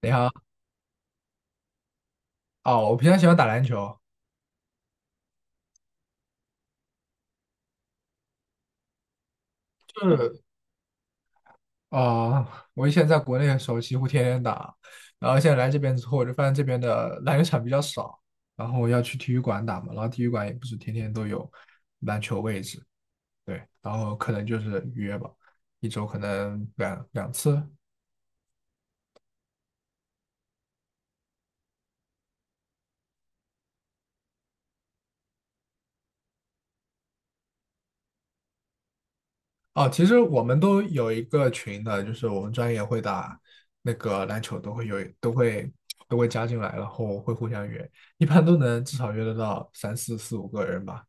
你好，哦，我平常喜欢打篮球，就是啊、呃我以前在国内的时候几乎天天打，然后现在来这边之后，我就发现这边的篮球场比较少，然后要去体育馆打嘛，然后体育馆也不是天天都有篮球位置，对，然后可能就是约吧，一周可能两次，哦，其实我们都有一个群的，就是我们专业会打那个篮球，都会有都会都会加进来，然后会互相约，一般都能至少约得到三四四五个人吧。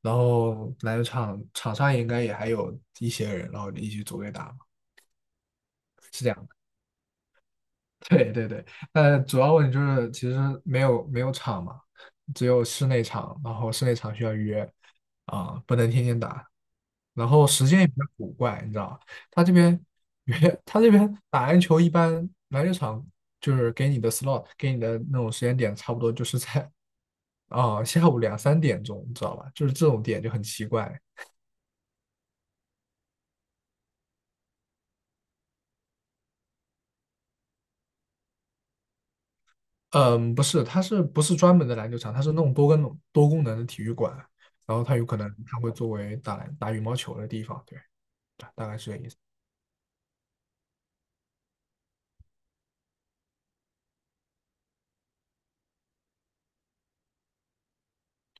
然后篮球场上应该也还有一些人，然后一起组队打嘛，是这样。对对对，但主要问题就是其实没有场嘛，只有室内场，然后室内场需要约，不能天天打，然后时间也比较古怪，你知道，吧？他这边约 他这边打篮球一般篮球场就是给你的 slot 给你的那种时间点，差不多就是在 下午两三点钟，你知道吧？就是这种点就很奇怪，嗯，不是，它是不是专门的篮球场？它是那种多功能的体育馆，然后它有可能它会作为打羽毛球的地方，对，大概是这个意思。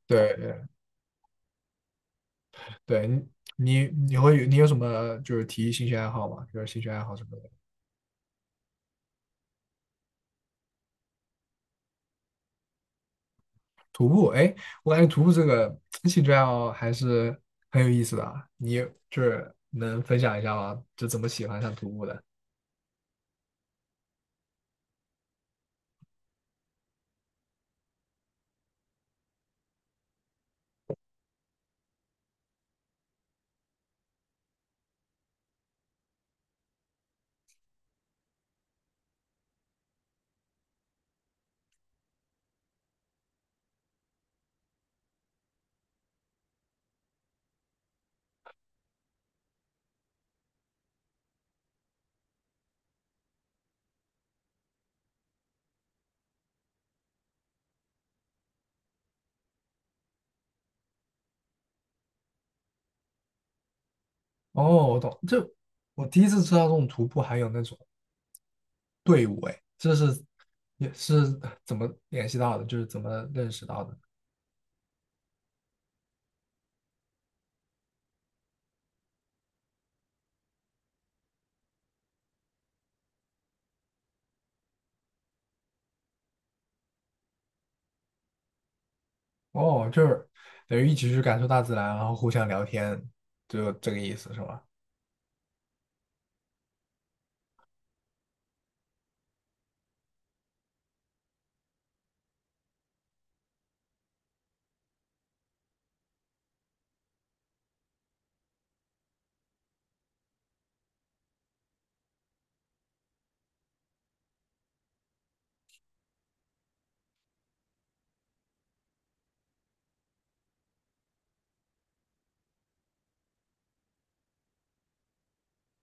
对对对，你有什么就是体育兴趣爱好吗？就是兴趣爱好什么的？徒步，哎，我感觉徒步这个兴趣爱好还是很有意思的啊，你就是能分享一下吗？就怎么喜欢上徒步的？哦，我懂，就我第一次知道这种徒步还有那种。队伍，哎，这是也是怎么联系到的？就是怎么认识到的？哦，就是等于一起去感受大自然，然后互相聊天，就这个意思是吧？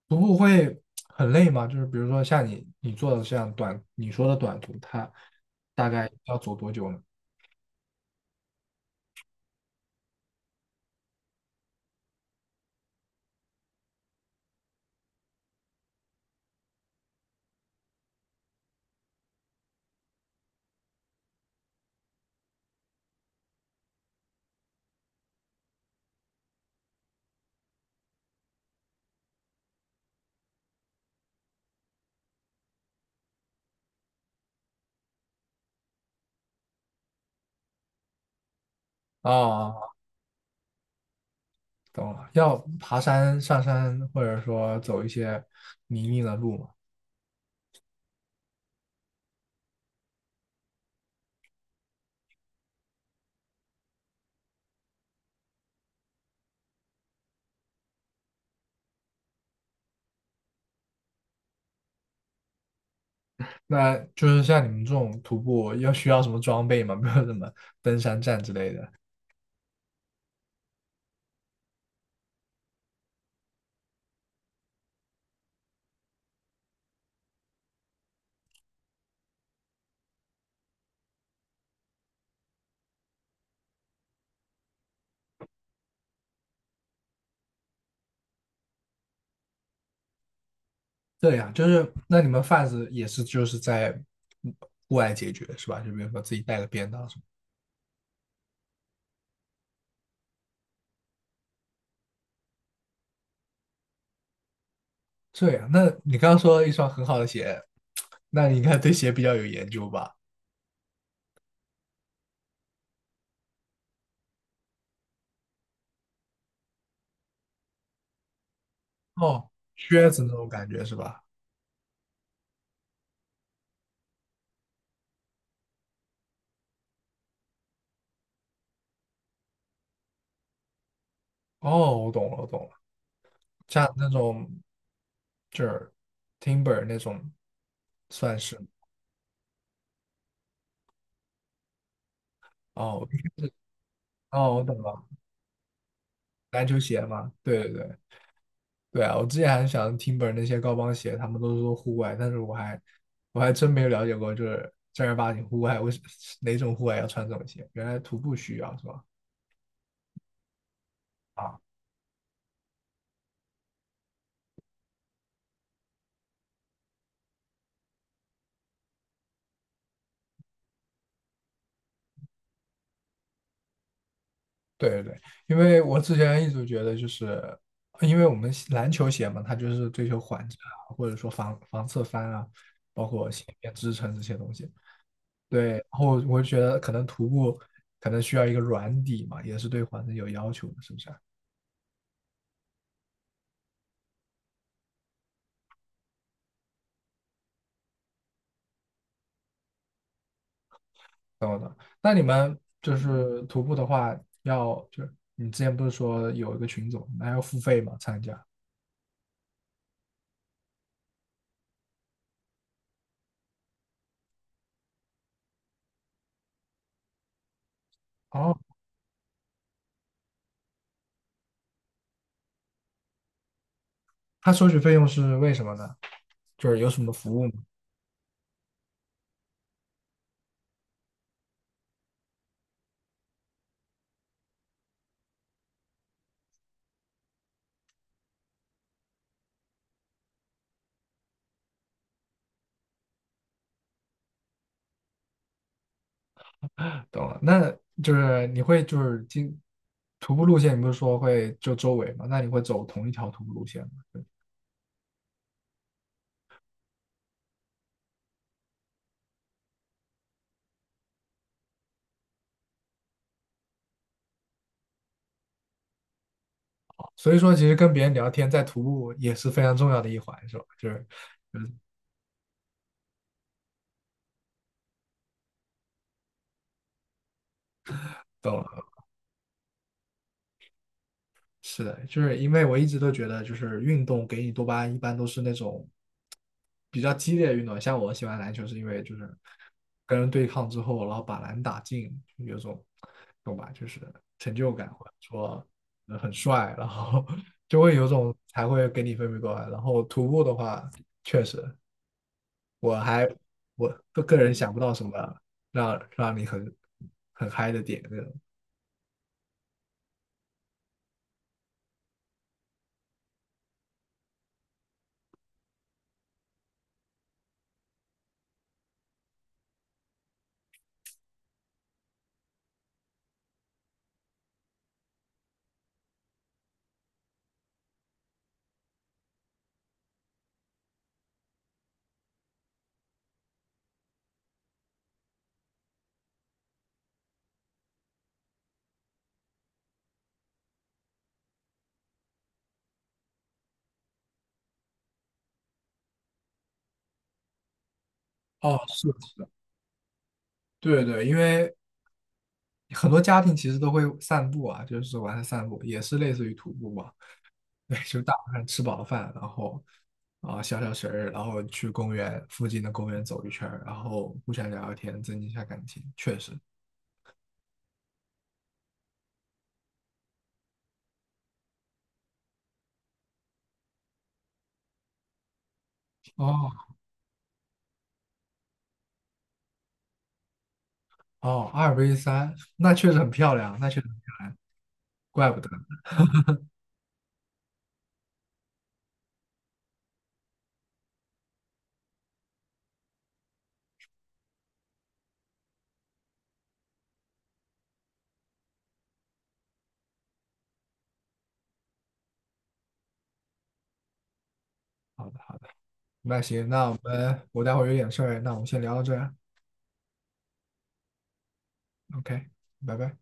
徒步会很累吗？就是比如说像你做的这样短，你说的短途，它大概要走多久呢？哦，懂了，要爬山、上山，或者说走一些泥泞的路嘛。那就是像你们这种徒步，要需要什么装备吗？没有什么登山杖之类的。对呀，就是那你们贩子也是就是在嗯户外解决是吧？就比如说自己带个便当什么。这样，那你刚刚说了一双很好的鞋，那你应该对鞋比较有研究吧？哦，靴子那种感觉是吧？哦，我懂了，我懂了，像那种就是 Timber 那种算是哦哦，我懂了，篮球鞋嘛，对对对，对啊，我之前还想听本那些高帮鞋，他们都说户外，但是我还真没有了解过，就是正儿八经户外，哪种户外要穿这种鞋？原来徒步需要是吧？啊，对对对，因为我之前一直觉得就是，因为我们篮球鞋嘛，它就是追求缓震啊，或者说防侧翻啊，包括鞋面支撑这些东西。对，然后我就觉得可能徒步可能需要一个软底嘛，也是对缓震有要求的，是不是啊？懂了，那你们就是徒步的话，要就是你之前不是说有一个群组，那要付费吗？参加？哦，他收取费用是为什么呢？就是有什么服务吗？懂了，那就是你会就是经徒步路线，你不是说会就周围嘛？那你会走同一条徒步路线吗？对吧所以说，其实跟别人聊天在徒步也是非常重要的一环，是吧？就是，嗯，懂了。是的，就是因为我一直都觉得，就是运动给你多巴胺一般都是那种比较激烈的运动，像我喜欢篮球是因为就是跟人对抗之后，然后把篮打进，有种懂吧，就是成就感或者说很帅，然后 就会有种才会给你分泌多巴胺然后徒步的话，确实我还我个人想不到什么让你很嗨的点那种。哦，是的，是的，对对，因为很多家庭其实都会散步啊，就是晚上散步也是类似于徒步嘛。对，就大晚上吃饱饭，然后消消食儿，然后去公园附近的公园走一圈儿然后互相聊聊天，增进一下感情。确实，哦哦，二 v 三，那确实很漂亮，那确实很漂亮，怪不得。好的好的，那行，那我们我待会儿有点事儿，那我们先聊到这儿啊，OK，拜拜。